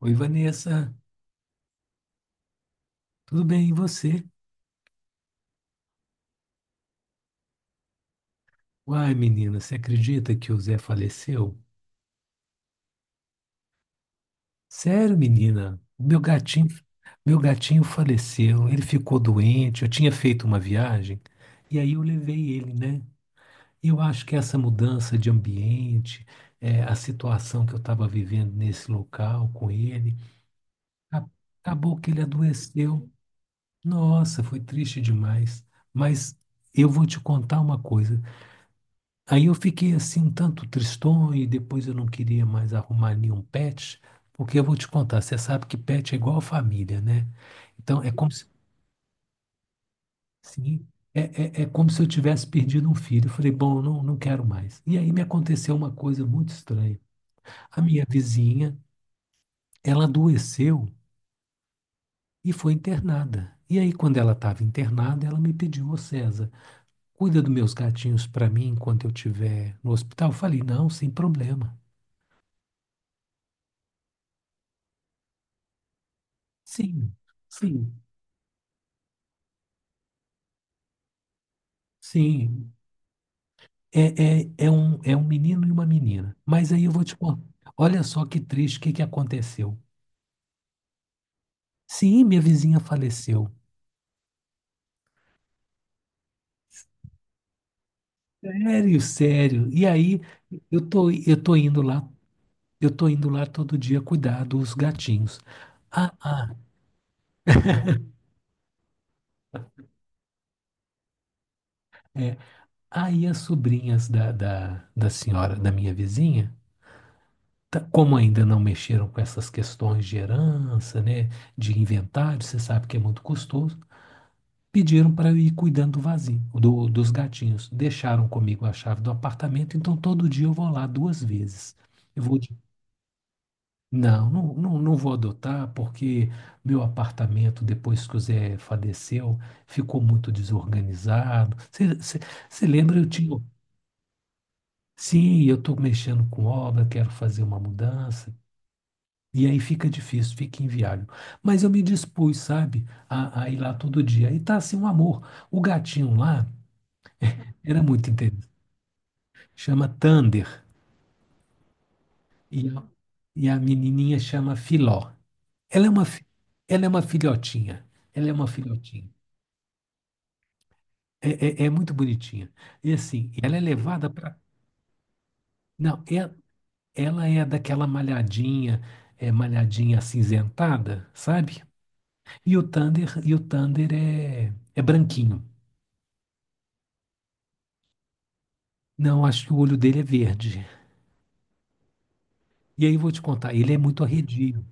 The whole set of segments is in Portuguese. Oi, Vanessa, tudo bem? E você? Uai, menina, você acredita que o Zé faleceu? Sério, menina? Meu gatinho faleceu, ele ficou doente, eu tinha feito uma viagem e aí eu levei ele, né? Eu acho que essa mudança de ambiente, a situação que eu estava vivendo nesse local com ele, a- acabou que ele adoeceu. Nossa, foi triste demais. Mas eu vou te contar uma coisa. Aí eu fiquei assim um tanto tristonho e depois eu não queria mais arrumar nenhum pet, porque eu vou te contar, você sabe que pet é igual família, né? Então é como se, assim, é, é, é como se eu tivesse perdido um filho. Eu falei, bom, eu não quero mais. E aí me aconteceu uma coisa muito estranha. A minha vizinha, ela adoeceu e foi internada. E aí quando ela estava internada, ela me pediu, ô, César, cuida dos meus gatinhos para mim enquanto eu estiver no hospital. Eu falei, não, sem problema. Sim. Sim, sim, é um menino e uma menina. Mas aí eu vou te contar. Olha só, que triste, o que que aconteceu? Sim, minha vizinha faleceu. Sério, sério. E aí eu tô, eu tô indo lá, eu tô indo lá todo dia cuidar dos gatinhos. Ah, ah, é. Aí as sobrinhas da senhora, da minha vizinha, como ainda não mexeram com essas questões de herança, né, de inventário, você sabe que é muito custoso. Pediram para eu ir cuidando dos gatinhos. Deixaram comigo a chave do apartamento, então todo dia eu vou lá duas vezes. Eu vou de... Não, não, não, não vou adotar, porque meu apartamento, depois que o Zé faleceu, ficou muito desorganizado. Você lembra, eu tinha. Sim, eu estou mexendo com obra, quero fazer uma mudança. E aí fica difícil, fica inviável. Mas eu me dispus, sabe, a ir lá todo dia. E tá assim um amor. O gatinho lá era muito interessante. Chama Thunder, e a, e a menininha chama Filó. Ela é uma, fi- Ela é uma filhotinha. Ela é uma filhotinha. É muito bonitinha. E assim, ela é levada para. Não, é, ela é daquela malhadinha, malhadinha acinzentada, sabe? E o Thunder é, branquinho. Não, acho que o olho dele é verde. E aí vou te contar, ele é muito arredio.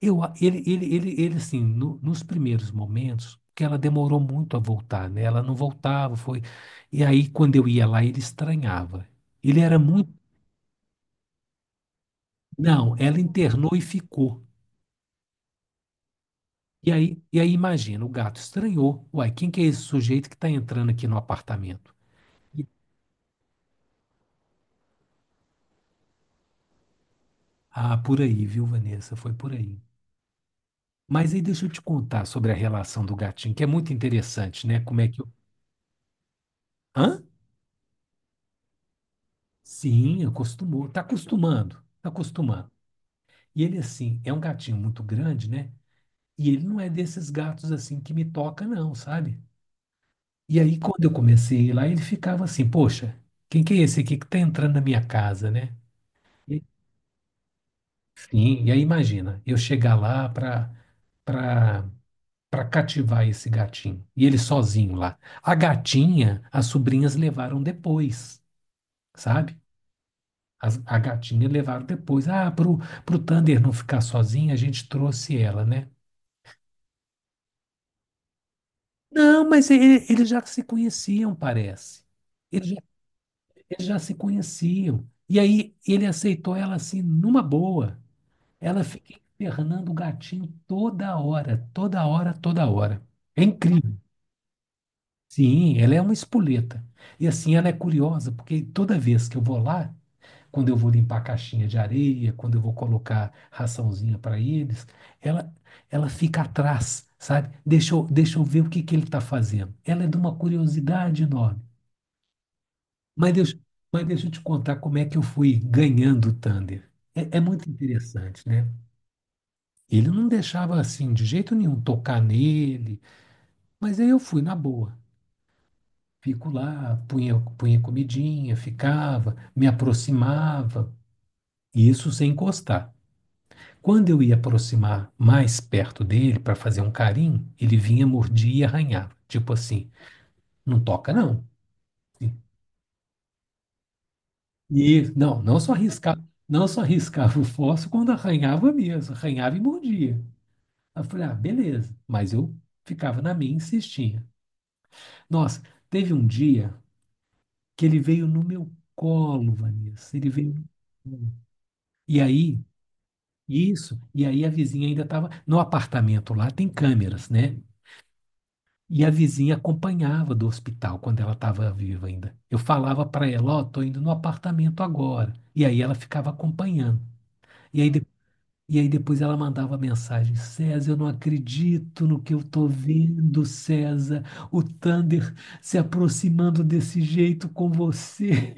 Assim, nos primeiros momentos, que ela demorou muito a voltar, né? Ela não voltava, foi. E aí, quando eu ia lá, ele estranhava. Ele era muito. Não, ela internou e ficou. E aí imagina, o gato estranhou. Uai, quem que é esse sujeito que está entrando aqui no apartamento? E- Ah, por aí, viu, Vanessa? Foi por aí. Mas aí deixa eu te contar sobre a relação do gatinho, que é muito interessante, né? Como é que. Hã? Sim, acostumou. Está acostumando. Está acostumando. E ele, assim, é um gatinho muito grande, né? E ele não é desses gatos, assim, que me toca, não, sabe? E aí, quando eu comecei a ir lá, ele ficava assim, poxa, quem que é esse aqui que tá entrando na minha casa, né? E- sim, e aí imagina, eu chegar lá pra, pra cativar esse gatinho. E ele sozinho lá. A gatinha, as sobrinhas levaram depois, sabe? A gatinha levaram depois. Ah, pro Thunder não ficar sozinho, a gente trouxe ela, né? Não, mas ele- eles já se conheciam, parece. Eles já, eles já se conheciam. E aí ele aceitou ela assim, numa boa. Ela fica infernando o gatinho toda hora, toda hora, toda hora. É incrível. Sim, ela é uma espoleta. E assim, ela é curiosa, porque toda vez que eu vou lá, quando eu vou limpar a caixinha de areia, quando eu vou colocar raçãozinha para eles, ela, ela fica atrás, sabe? Deixa eu ver o que que ele está fazendo. Ela é de uma curiosidade enorme. Mas deixa, mas deixa eu te contar como é que eu fui ganhando o Thunder. É, é muito interessante, né? Ele não deixava assim, de jeito nenhum, tocar nele, mas aí eu fui na boa. Fico lá, punha, punha comidinha, ficava, me aproximava, e isso sem encostar. Quando eu ia aproximar mais perto dele para fazer um carinho, ele vinha, mordia e arranhava. Tipo assim, não toca não. E não, não só riscava o fósforo quando arranhava mesmo, arranhava e mordia. Aí Eu falei, ah, beleza. Mas eu ficava na minha e insistia. Nossa, teve um dia que ele veio no meu colo, Vanessa. Ele veio no meu colo. E aí, isso, e aí a vizinha ainda estava. No apartamento lá tem câmeras, né? E a vizinha acompanhava do hospital quando ela estava viva ainda. Eu falava para ela, ó, tô indo no apartamento agora. E aí ela ficava acompanhando. E aí, de- e aí depois ela mandava mensagem: César, eu não acredito no que eu tô vendo, César. O Thunder se aproximando desse jeito com você.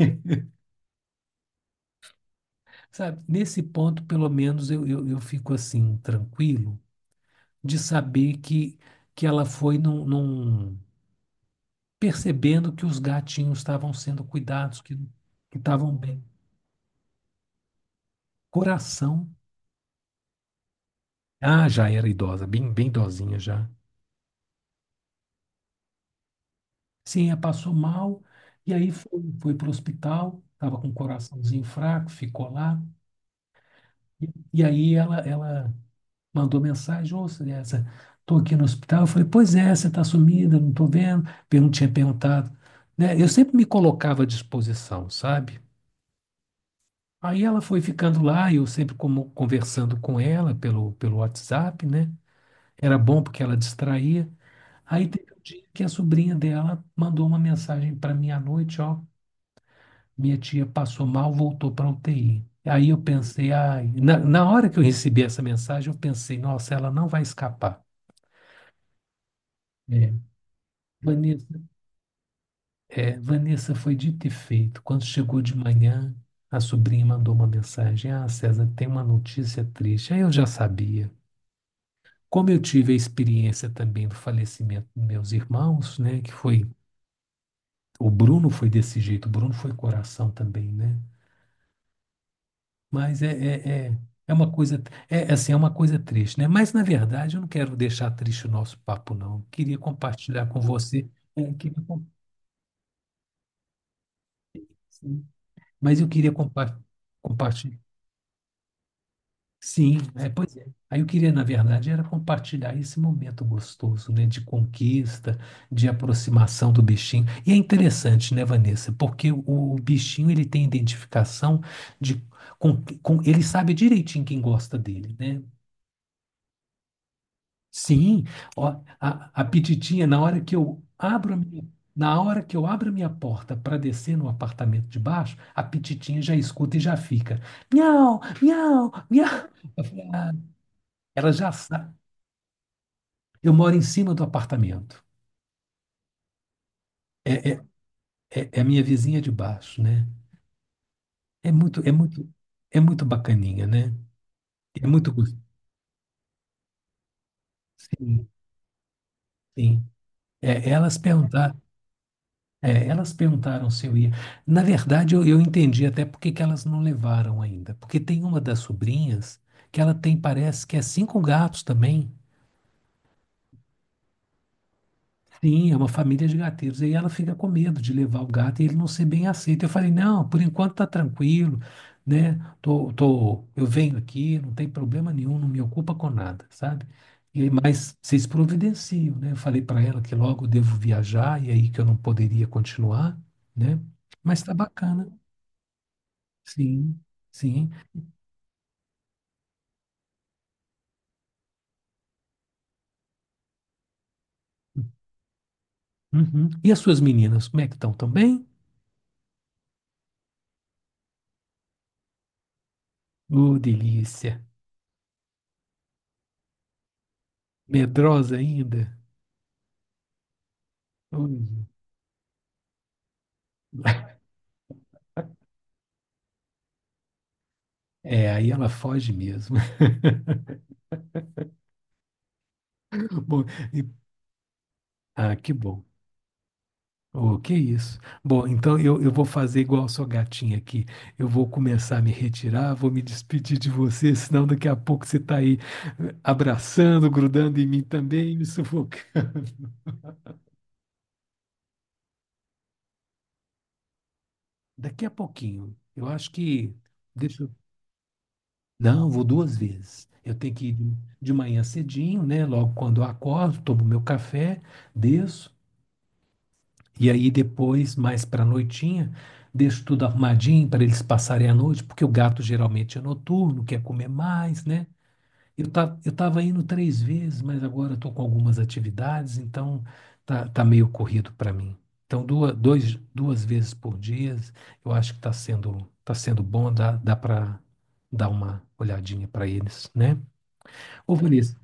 Sabe? Nesse ponto, pelo menos, eu fico assim, tranquilo, de saber que, ela foi num percebendo que os gatinhos estavam sendo cuidados, que estavam bem. Coração. Ah, já era idosa, bem, bem idosinha já. Sim, ela passou mal e aí foi para o hospital, estava com o coraçãozinho fraco, ficou lá. E, e aí ela mandou mensagem, ô, estou aqui no hospital. Eu falei, pois é, você está sumida, não estou vendo. Pergun Tinha perguntado. Né? Eu sempre me colocava à disposição, sabe? Aí ela foi ficando lá, eu sempre como conversando com ela pelo WhatsApp, né? Era bom porque ela distraía. Aí teve um dia que a sobrinha dela mandou uma mensagem para mim à noite, ó, minha tia passou mal, voltou para UTI. Aí eu pensei, ai, na hora que eu recebi essa mensagem, eu pensei, nossa, ela não vai escapar. É, Vanessa, é, Vanessa, foi dito e feito. Quando chegou de manhã, a sobrinha mandou uma mensagem, ah, César, tem uma notícia triste. Aí eu já sabia. Como eu tive a experiência também do falecimento dos meus irmãos, né, o Bruno foi desse jeito, o Bruno foi coração também, né? Mas é uma coisa, é assim, é uma coisa triste, né? Mas na verdade eu não quero deixar triste o nosso papo, não. Queria compartilhar com você, é, queria com- mas eu queria compartilhar. Sim, pois é. Aí eu queria, na verdade, era compartilhar esse momento gostoso, né, de conquista, de aproximação do bichinho. E é interessante, né, Vanessa, porque o bichinho ele tem identificação de com ele, sabe direitinho quem gosta dele, né? Sim, ó, a pititinha, na hora que eu abro a minha, na hora que eu abro a minha porta para descer no apartamento de baixo, a pititinha já escuta e já fica, miau, miau, miau. Eu falei, "Ah, ela já sabe." Eu moro em cima do apartamento. É, é, é a minha vizinha de baixo, né? É muito, é muito, é muito bacaninha, né? É muito gostoso. Sim, sim. É, elas perguntaram, Elas perguntaram se eu ia. Na verdade, eu entendi até por que que elas não levaram ainda. Porque tem uma das sobrinhas que ela tem, parece que é cinco gatos também. Sim, é uma família de gatinhos. E ela fica com medo de levar o gato e ele não ser bem aceito. Eu falei, não, por enquanto tá tranquilo, né? Eu venho aqui, não tem problema nenhum, não me ocupa com nada, sabe? E aí, mas vocês providenciam, né? Eu falei para ela que logo eu devo viajar e aí que eu não poderia continuar, né? Mas tá bacana. Sim, sim. Uhum. E as suas meninas, como é que estão? Tão bem? Ô, delícia. Medrosa ainda? Ui. É, aí ela foge mesmo. Bom, e- ah, que bom. Oh, que isso. Bom, então eu vou fazer igual a sua gatinha aqui. Eu vou começar a me retirar, vou me despedir de você, senão daqui a pouco você está aí abraçando, grudando em mim também, me sufoca. Daqui a pouquinho, eu acho que. Deixa eu. Não, vou duas vezes. Eu tenho que ir de manhã cedinho, né? Logo quando eu acordo, tomo meu café, desço. E aí depois, mais para a noitinha, deixo tudo arrumadinho para eles passarem a noite, porque o gato geralmente é noturno, quer comer mais, né? Eu estava indo três vezes, mas agora estou com algumas atividades, então tá meio corrido para mim. Então duas, dois, duas vezes por dia, eu acho que está sendo, tá sendo bom, dá para dar uma olhadinha para eles, né? Ô, Vanessa,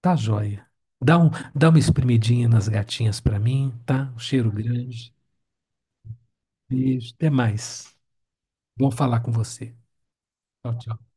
tá joia. Dá um, dá uma espremidinha nas gatinhas para mim, tá? Um cheiro grande. Beijo, até mais. Bom falar com você. Tchau, tchau.